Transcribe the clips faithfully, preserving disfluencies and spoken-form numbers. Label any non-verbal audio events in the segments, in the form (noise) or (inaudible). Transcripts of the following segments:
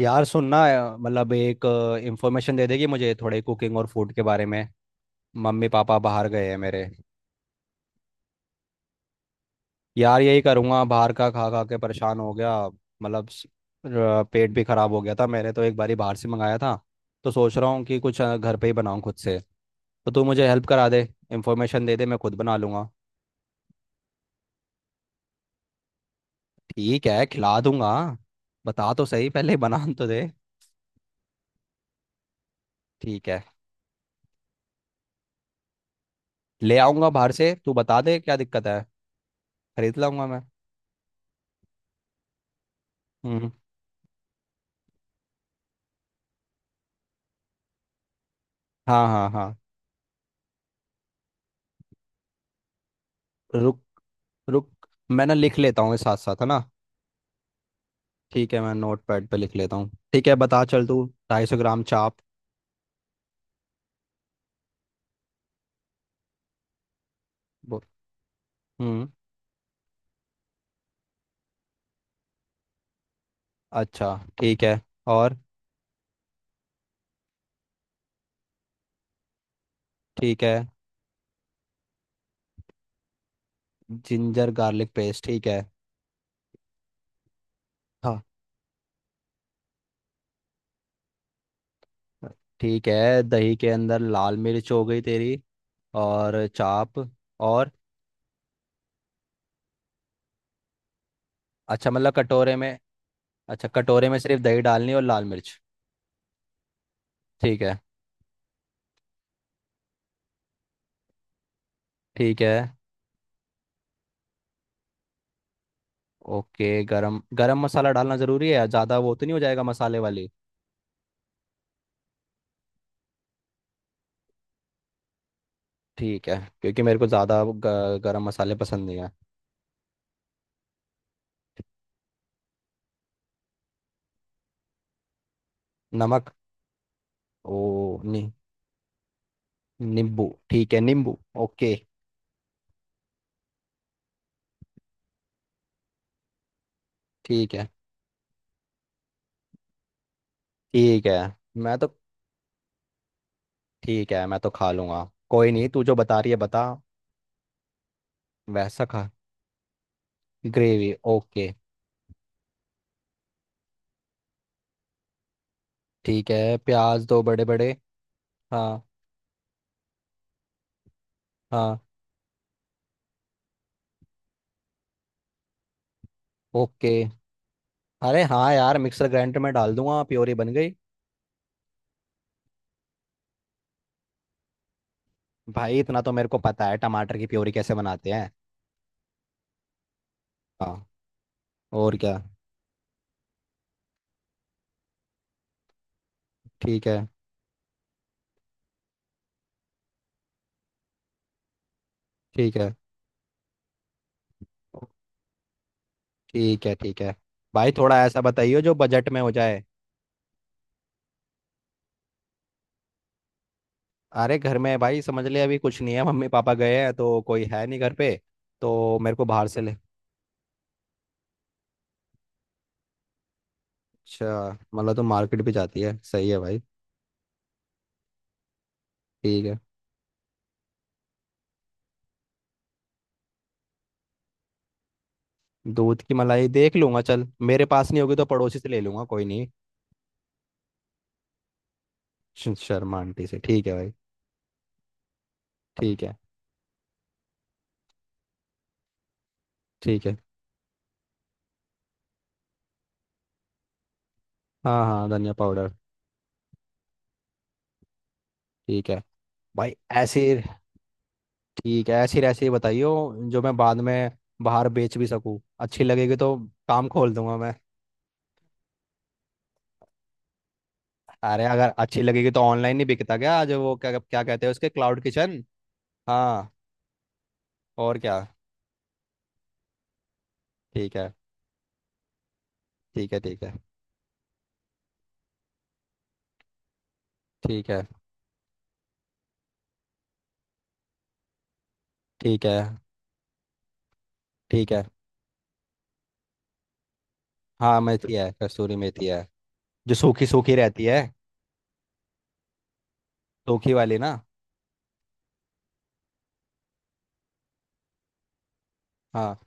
यार सुनना। मतलब एक इंफॉर्मेशन दे देगी मुझे थोड़े कुकिंग और फूड के बारे में। मम्मी पापा बाहर गए हैं मेरे। यार यही करूँगा, बाहर का खा खा के परेशान हो गया। मतलब स- र- पेट भी खराब हो गया था, मैंने तो एक बारी बाहर से मंगाया था। तो सोच रहा हूँ कि कुछ अ, घर पे ही बनाऊँ खुद से। तो तू मुझे हेल्प करा दे, इंफॉर्मेशन दे दे, मैं खुद बना लूँगा। ठीक है, खिला दूंगा। बता तो सही, पहले बना तो दे। ठीक है। ले आऊँगा बाहर से, तू बता दे क्या दिक्कत है, खरीद लाऊंगा मैं। हम्म। हाँ हाँ हाँ। रुक। रुक, मैं ना लिख लेता हूँ साथ साथ, है ना। ठीक है, मैं नोट पैड पे लिख लेता हूँ, ठीक है बता, चल तू। ढाई सौ ग्राम चाप। बो- हम्म। अच्छा ठीक है। और। ठीक है। जिंजर गार्लिक पेस्ट, ठीक है। हाँ। ठीक है, दही के अंदर लाल मिर्च हो गई तेरी। और चाप। और। अच्छा, मतलब कटोरे में। अच्छा, कटोरे में सिर्फ दही डालनी और लाल मिर्च। ठीक है। ठीक है। ओके, गरम गरम मसाला डालना ज़रूरी है, ज़्यादा वो तो नहीं हो जाएगा मसाले वाली। ठीक है। क्योंकि मेरे को ज़्यादा ग- गरम मसाले पसंद नहीं है। नमक। ओ नि, नींबू ठीक है, नींबू। ओके। ठीक है। ठीक है, मैं तो। ठीक है, मैं तो खा लूँगा। कोई नहीं, तू जो बता रही है बता, वैसा खा। Gravy, okay. ठीक है, प्याज दो बड़े बड़े। हाँ। हाँ। ओके। अरे हाँ यार, मिक्सर ग्राइंडर में डाल दूंगा, प्योरी बन गई। भाई इतना तो मेरे को पता है टमाटर की प्योरी कैसे बनाते हैं। हाँ। और क्या। ठीक है। ठीक है। ठीक है। ठीक है। भाई थोड़ा ऐसा बताइए जो बजट में हो जाए। अरे घर में भाई समझ ले, अभी कुछ नहीं है, मम्मी पापा गए हैं तो कोई है नहीं घर पे। तो मेरे को बाहर से ले। अच्छा। मतलब तो मार्केट भी जाती है, सही है भाई। ठीक है। दूध की मलाई देख लूंगा, चल मेरे पास नहीं होगी तो पड़ोसी से ले लूंगा, कोई नहीं। श- शर्मा आंटी से ठीक है भाई। ठीक है। ठीक है। हाँ हाँ, धनिया पाउडर। ठीक है। भाई। ऐसी। ठीक है, ऐसी रेसिपी बताइयो जो मैं बाद में बाहर बेच भी सकूँ, अच्छी लगेगी तो काम खोल दूंगा मैं। अरे, अगर अच्छी लगेगी तो ऑनलाइन नहीं बिकता क्या आज, वो क्या क्या कहते हैं उसके, क्लाउड किचन। हाँ। और क्या। ठीक है। ठीक है। ठीक है। ठीक है। ठीक है। ठीक है। हाँ मेथी है, कसूरी मेथी है, जो सूखी सूखी रहती है। सूखी वाली ना। हाँ।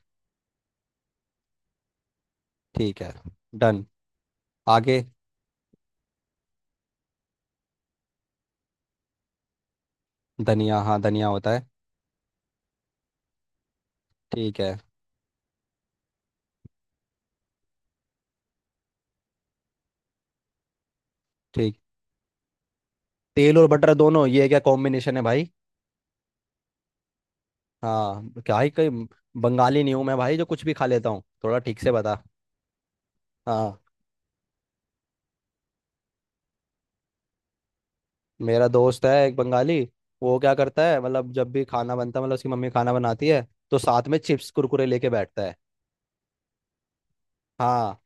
ठीक है। डन, आगे। धनिया, हाँ धनिया होता है। ठीक है। ठीक। तेल और बटर दोनों, ये क्या कॉम्बिनेशन है भाई। हाँ क्या ही कहीं। बंगाली नहीं हूँ मैं भाई, जो कुछ भी खा लेता हूँ, थोड़ा ठीक से बता। हाँ। मेरा दोस्त है एक बंगाली। वो क्या करता है, मतलब जब भी खाना बनता है, मतलब उसकी मम्मी खाना बनाती है, तो साथ में चिप्स कुरकुरे लेके बैठता है। हाँ।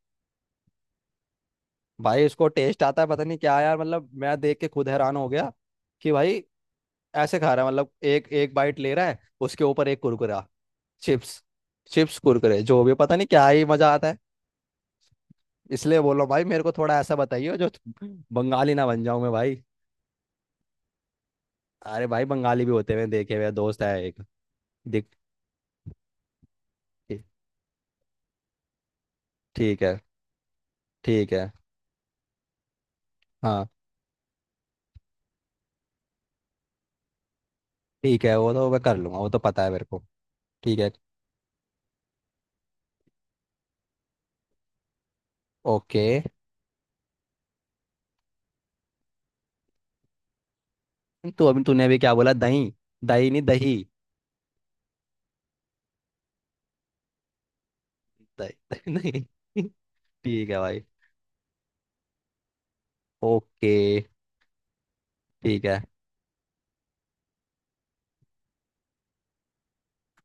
भाई उसको टेस्ट आता है, पता नहीं क्या यार, मतलब मैं देख के खुद हैरान हो गया कि भाई ऐसे खा रहा है। मतलब एक एक बाइट ले रहा है, उसके ऊपर एक कुरकुरा, चिप्स, चिप्स कुरकुरे जो भी, पता नहीं क्या ही मजा आता है। इसलिए बोलो भाई मेरे को, थोड़ा ऐसा बताइए जो बंगाली ना बन जाऊं मैं भाई। अरे भाई, बंगाली भी होते हुए देखे हुए, दोस्त है एक। दिख। ठीक है। ठीक है। हाँ। ठीक है, वो तो मैं कर लूंगा, वो तो पता है मेरे को। ठीक है। ओके। तू अभी, तूने अभी क्या बोला, दही। दही नहीं, दही। दही दही नहीं। (laughs) ठीक है भाई। ओके। ठीक है।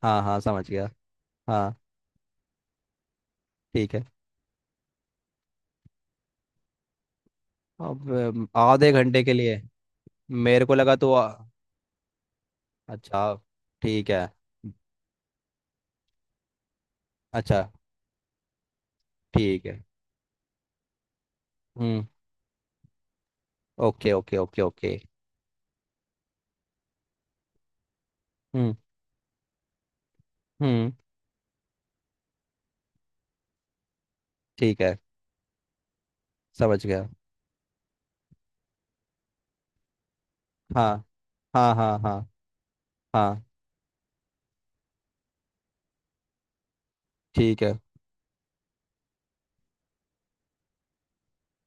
हाँ हाँ समझ गया। हाँ। ठीक है। अब अम, आधे घंटे के लिए। मेरे को लगा तो आ- अच्छा ठीक है। अच्छा ठीक है। हम्म। Okay okay okay okay. हम्म। हम्म। ठीक है, समझ गया। हाँ हाँ हाँ हाँ हाँ। ठीक है।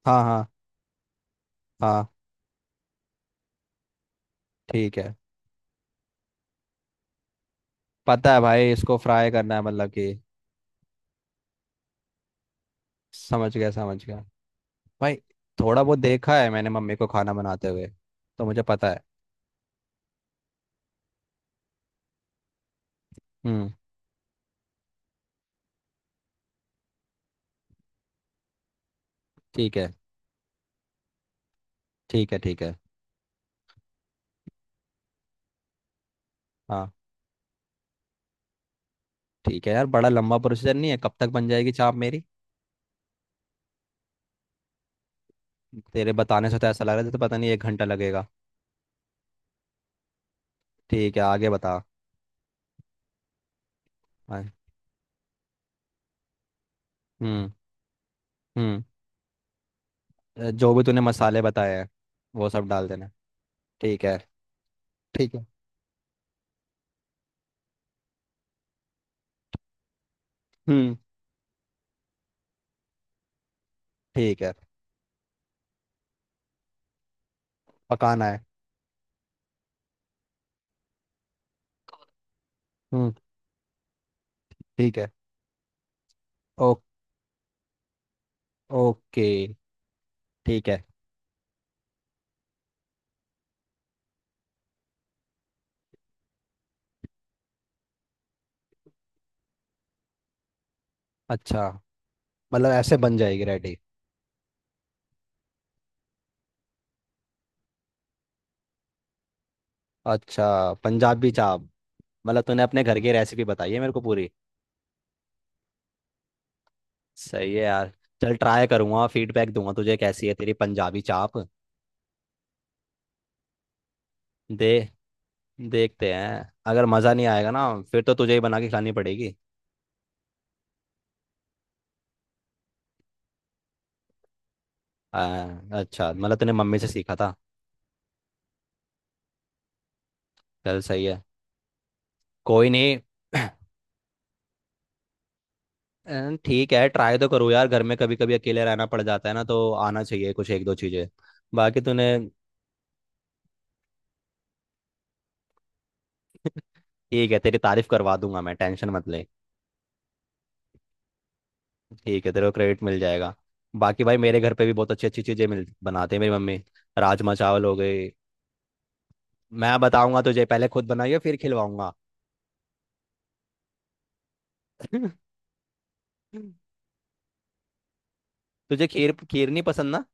हाँ हाँ हाँ। ठीक है, पता है भाई, इसको फ्राई करना है मतलब कि। समझ गया, समझ गया। भाई, थोड़ा बहुत देखा है मैंने मम्मी को खाना बनाते हुए, तो मुझे पता है। हम्म। ठीक है। ठीक है। ठीक है। हाँ। ठीक है यार, बड़ा लंबा प्रोसीजर नहीं है, कब तक बन जाएगी चाप मेरी। तेरे बताने से तो ऐसा लग रहा था, तो पता नहीं एक घंटा लगेगा। ठीक है, आगे बता। हाँ। हम्म। हम्म। जो भी तूने मसाले बताए हैं, वो सब डाल देना। ठीक है। ठीक है। हम्म। ठीक है, पकाना है। हम्म। ठीक है। ओ, ओके। ठीक है। अच्छा, मतलब ऐसे बन जाएगी रेडी। अच्छा, पंजाबी चाप। मतलब तूने अपने घर की रेसिपी बताई है मेरे को पूरी। सही है यार। चल, ट्राई करूंगा, फीडबैक दूंगा तुझे, कैसी है तेरी पंजाबी चाप। दे। देखते हैं, अगर मज़ा नहीं आएगा ना, फिर तो तुझे ही बना के खिलानी पड़ेगी। आ, अच्छा, मतलब तूने मम्मी से सीखा था। चल सही है। कोई नहीं। (clears throat) अं, ठीक है, ट्राई तो करूँ यार, घर में कभी कभी अकेले रहना पड़ जाता है ना, तो आना चाहिए कुछ एक दो चीज़ें। बाकी तूने। ठीक है, तेरी तारीफ करवा दूंगा मैं, टेंशन मत ले। ठीक है, तेरे को क्रेडिट मिल जाएगा। बाकी भाई, मेरे घर पे भी बहुत अच्छी अच्छी चीज़ें मिल बनाते हैं मेरी मम्मी। राजमा चावल हो गए। मैं बताऊंगा तुझे, पहले खुद बनाइए फिर खिलवाऊंगा। (laughs) तुझे खीर, खीर नहीं पसंद ना।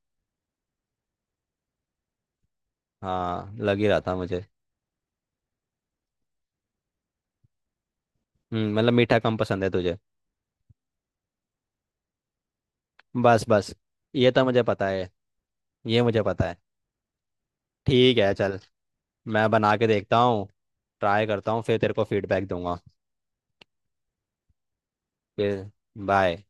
हाँ, लग ही रहा था मुझे। हम्म, मतलब मीठा कम पसंद है तुझे। बस बस, ये तो मुझे पता है, ये मुझे पता है। ठीक है, चल। मैं बना के देखता हूँ। ट्राई करता हूँ, फिर तेरे को फीडबैक दूंगा। फिर। बाय।